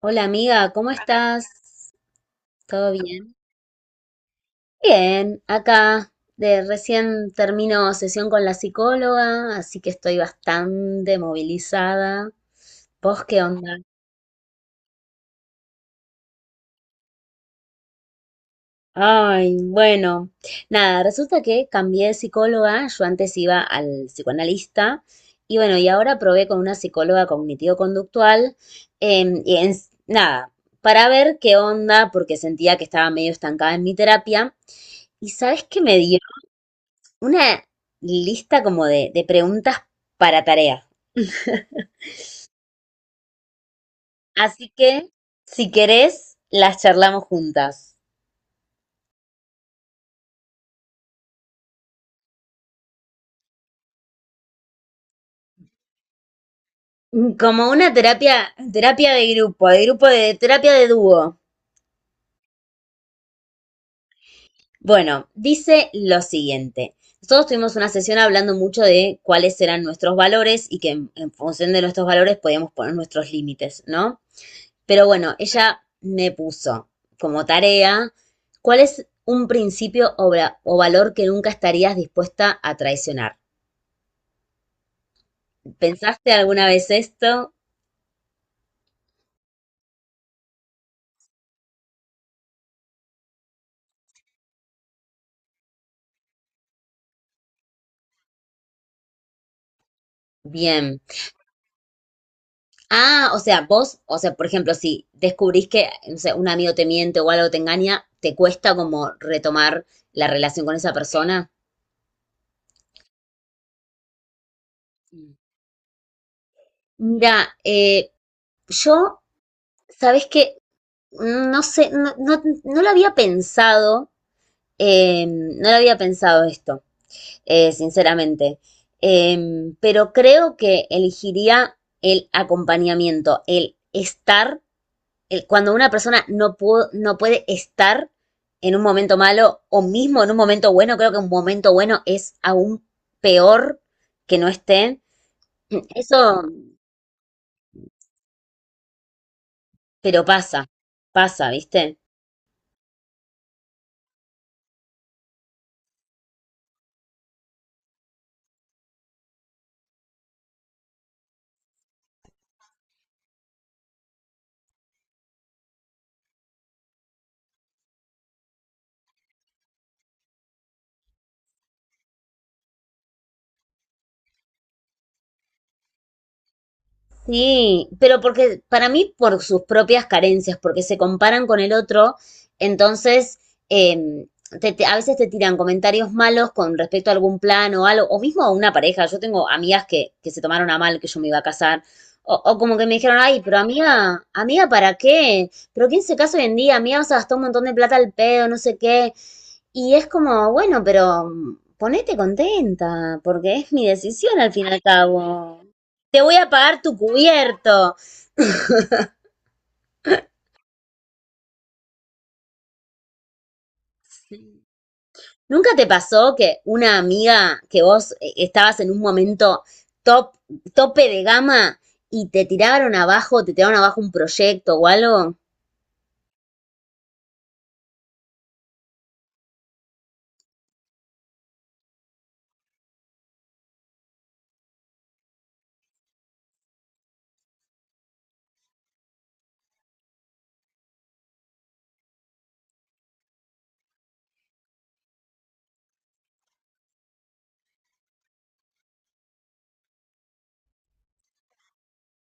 Hola amiga, ¿cómo estás? ¿Todo bien? Bien, acá de recién termino sesión con la psicóloga, así que estoy bastante movilizada. ¿Vos qué onda? Ay, bueno, nada, resulta que cambié de psicóloga, yo antes iba al psicoanalista y bueno, y ahora probé con una psicóloga cognitivo-conductual y nada, para ver qué onda porque sentía que estaba medio estancada en mi terapia y ¿sabes qué me dio? Una lista como de preguntas para tareas. Así que, si querés, las charlamos juntas. Como una terapia, terapia de grupo, de grupo de terapia de dúo. Bueno, dice lo siguiente. Nosotros tuvimos una sesión hablando mucho de cuáles eran nuestros valores y que en función de nuestros valores podíamos poner nuestros límites, ¿no? Pero bueno, ella me puso como tarea, ¿cuál es un principio o valor que nunca estarías dispuesta a traicionar? ¿Pensaste alguna vez esto? Bien. Ah, o sea, vos, o sea, por ejemplo, si descubrís que, no sé, un amigo te miente o algo te engaña, ¿te cuesta como retomar la relación con esa persona? Mm. Mira, yo, sabes que no sé, no, no, no lo había pensado, no lo había pensado esto. Sinceramente. Pero creo que elegiría el acompañamiento, el estar, cuando una persona no puede estar en un momento malo o mismo en un momento bueno, creo que un momento bueno es aún peor que no esté. Eso, pero pasa, pasa, ¿viste? Sí, pero porque para mí por sus propias carencias, porque se comparan con el otro, entonces em, a veces te tiran comentarios malos con respecto a algún plan o algo, o mismo a una pareja. Yo tengo amigas que se tomaron a mal que yo me iba a casar, o como que me dijeron, ay, pero amiga, amiga, ¿para qué? ¿Pero quién se casa hoy en día? Amiga, vas a gastar un montón de plata al pedo, no sé qué. Y es como, bueno, pero ponete contenta, porque es mi decisión al fin y al cabo te voy a pagar tu cubierto. ¿Nunca te pasó que una amiga que vos estabas en un momento top, tope de gama y te tiraron abajo un proyecto o algo?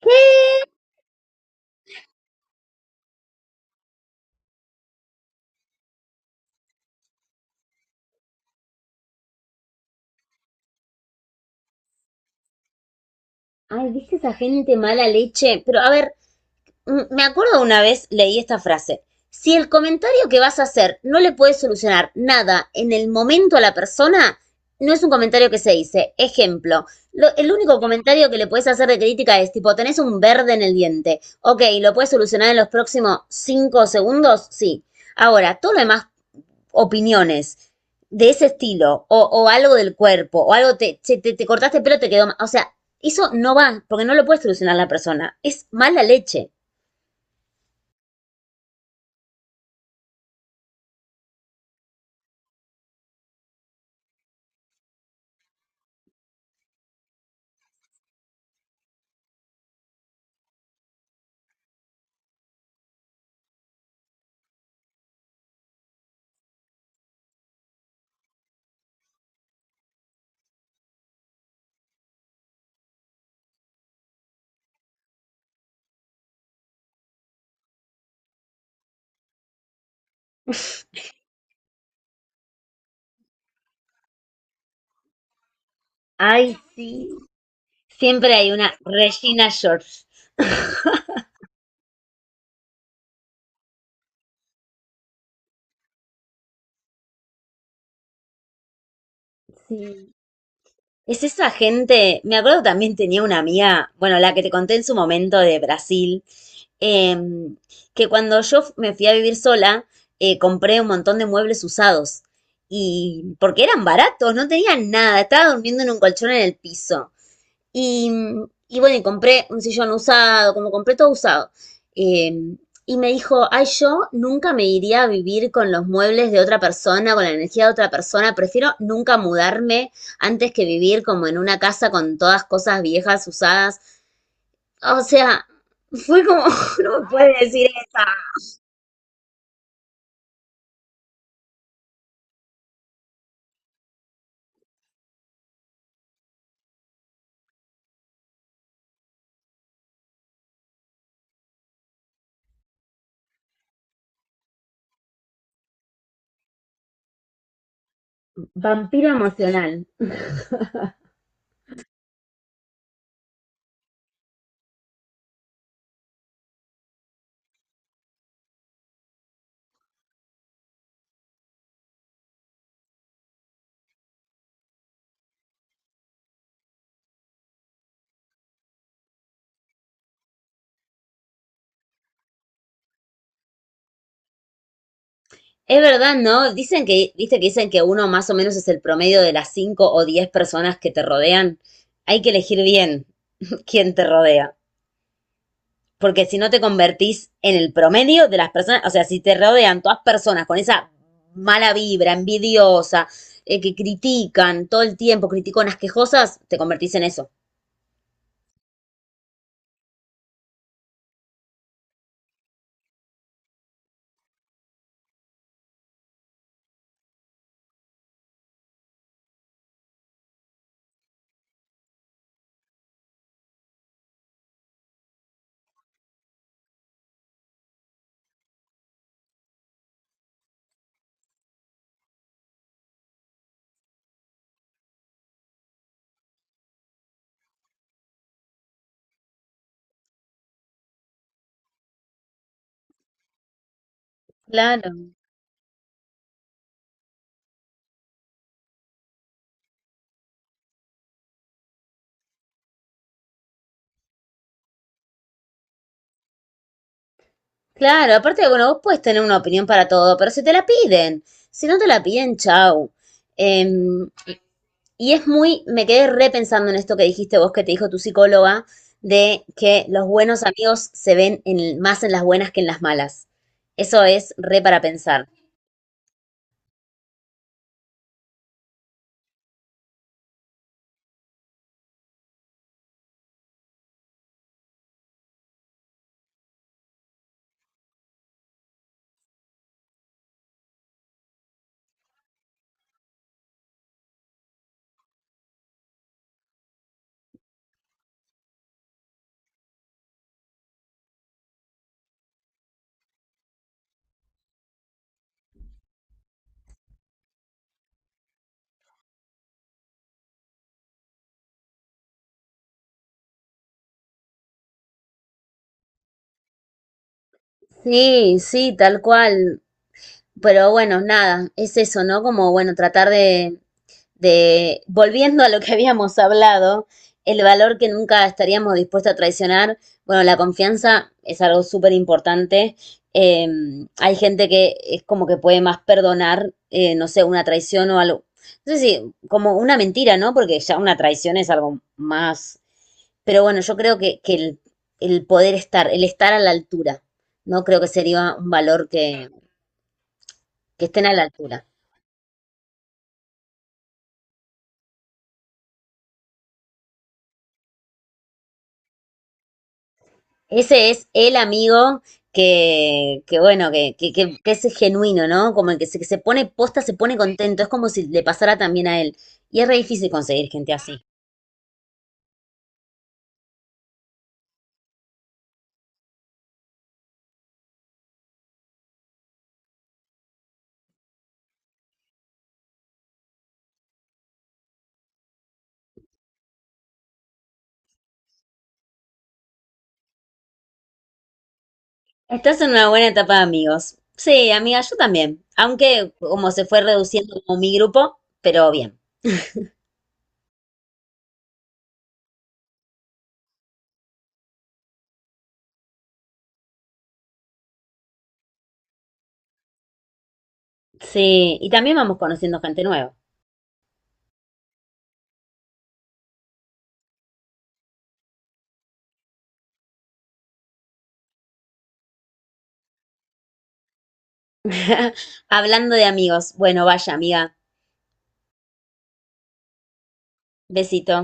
¿Qué? Ay, ¿viste esa gente mala leche? Pero a ver, me acuerdo una vez leí esta frase. Si el comentario que vas a hacer no le puede solucionar nada en el momento a la persona, no es un comentario que se dice. Ejemplo, el único comentario que le puedes hacer de crítica es tipo, tenés un verde en el diente. Ok, ¿lo puedes solucionar en los próximos 5 segundos? Sí. Ahora, todo lo demás, opiniones de ese estilo, o algo del cuerpo, o algo, te cortaste el pelo, te quedó mal. O sea, eso no va, porque no lo puede solucionar la persona. Es mala leche. Ay, sí. Siempre hay una Regina George. Sí. Es esa gente. Me acuerdo también tenía una amiga, bueno, la que te conté en su momento de Brasil, em, que cuando yo me fui a vivir sola, compré un montón de muebles usados. Y porque eran baratos, no tenían nada, estaba durmiendo en un colchón en el piso. Y, y bueno, y compré un sillón usado, como compré todo usado. Eh, y me dijo, ay, yo nunca me iría a vivir con los muebles de otra persona, con la energía de otra persona, prefiero nunca mudarme antes que vivir como en una casa con todas cosas viejas, usadas. O sea, fue como, no me puedes decir esa. Vampiro emocional. Es verdad, ¿no? Dicen que, viste que dicen que uno más o menos es el promedio de las 5 o 10 personas que te rodean. Hay que elegir bien quien te rodea. Porque si no te convertís en el promedio de las personas, o sea, si te rodean todas personas con esa mala vibra, envidiosa, que critican todo el tiempo, criticonas quejosas, te convertís en eso. Claro, claro, aparte, bueno, vos puedes tener una opinión para todo, pero si te la piden, si no te la piden, chau. Em, Y es muy, me quedé repensando en esto que dijiste vos, que te dijo tu psicóloga, de que los buenos amigos se ven más en las buenas que en las malas. Eso es re para pensar. Sí, sí, tal cual. Pero bueno, nada, es eso, ¿no? Como, bueno, tratar volviendo a lo que habíamos hablado, el valor que nunca estaríamos dispuestos a traicionar, bueno, la confianza es algo súper importante. Eh, Hay gente que es como que puede más perdonar, no sé, una traición o algo. No sé si, como una mentira, ¿no? Porque ya una traición es algo más. Pero bueno, yo creo que el poder estar, el estar a la altura, ¿no? Creo que sería un valor que estén a la altura. Ese es el amigo que bueno, que es genuino, ¿no? Como el que que se pone posta, se pone contento. Es como si le pasara también a él. Y es re difícil conseguir gente así. Estás en una buena etapa de amigos. Sí, amiga, yo también. Aunque como se fue reduciendo como mi grupo, pero bien. Sí, y también vamos conociendo gente nueva. Hablando de amigos. Bueno, vaya, amiga. Besito.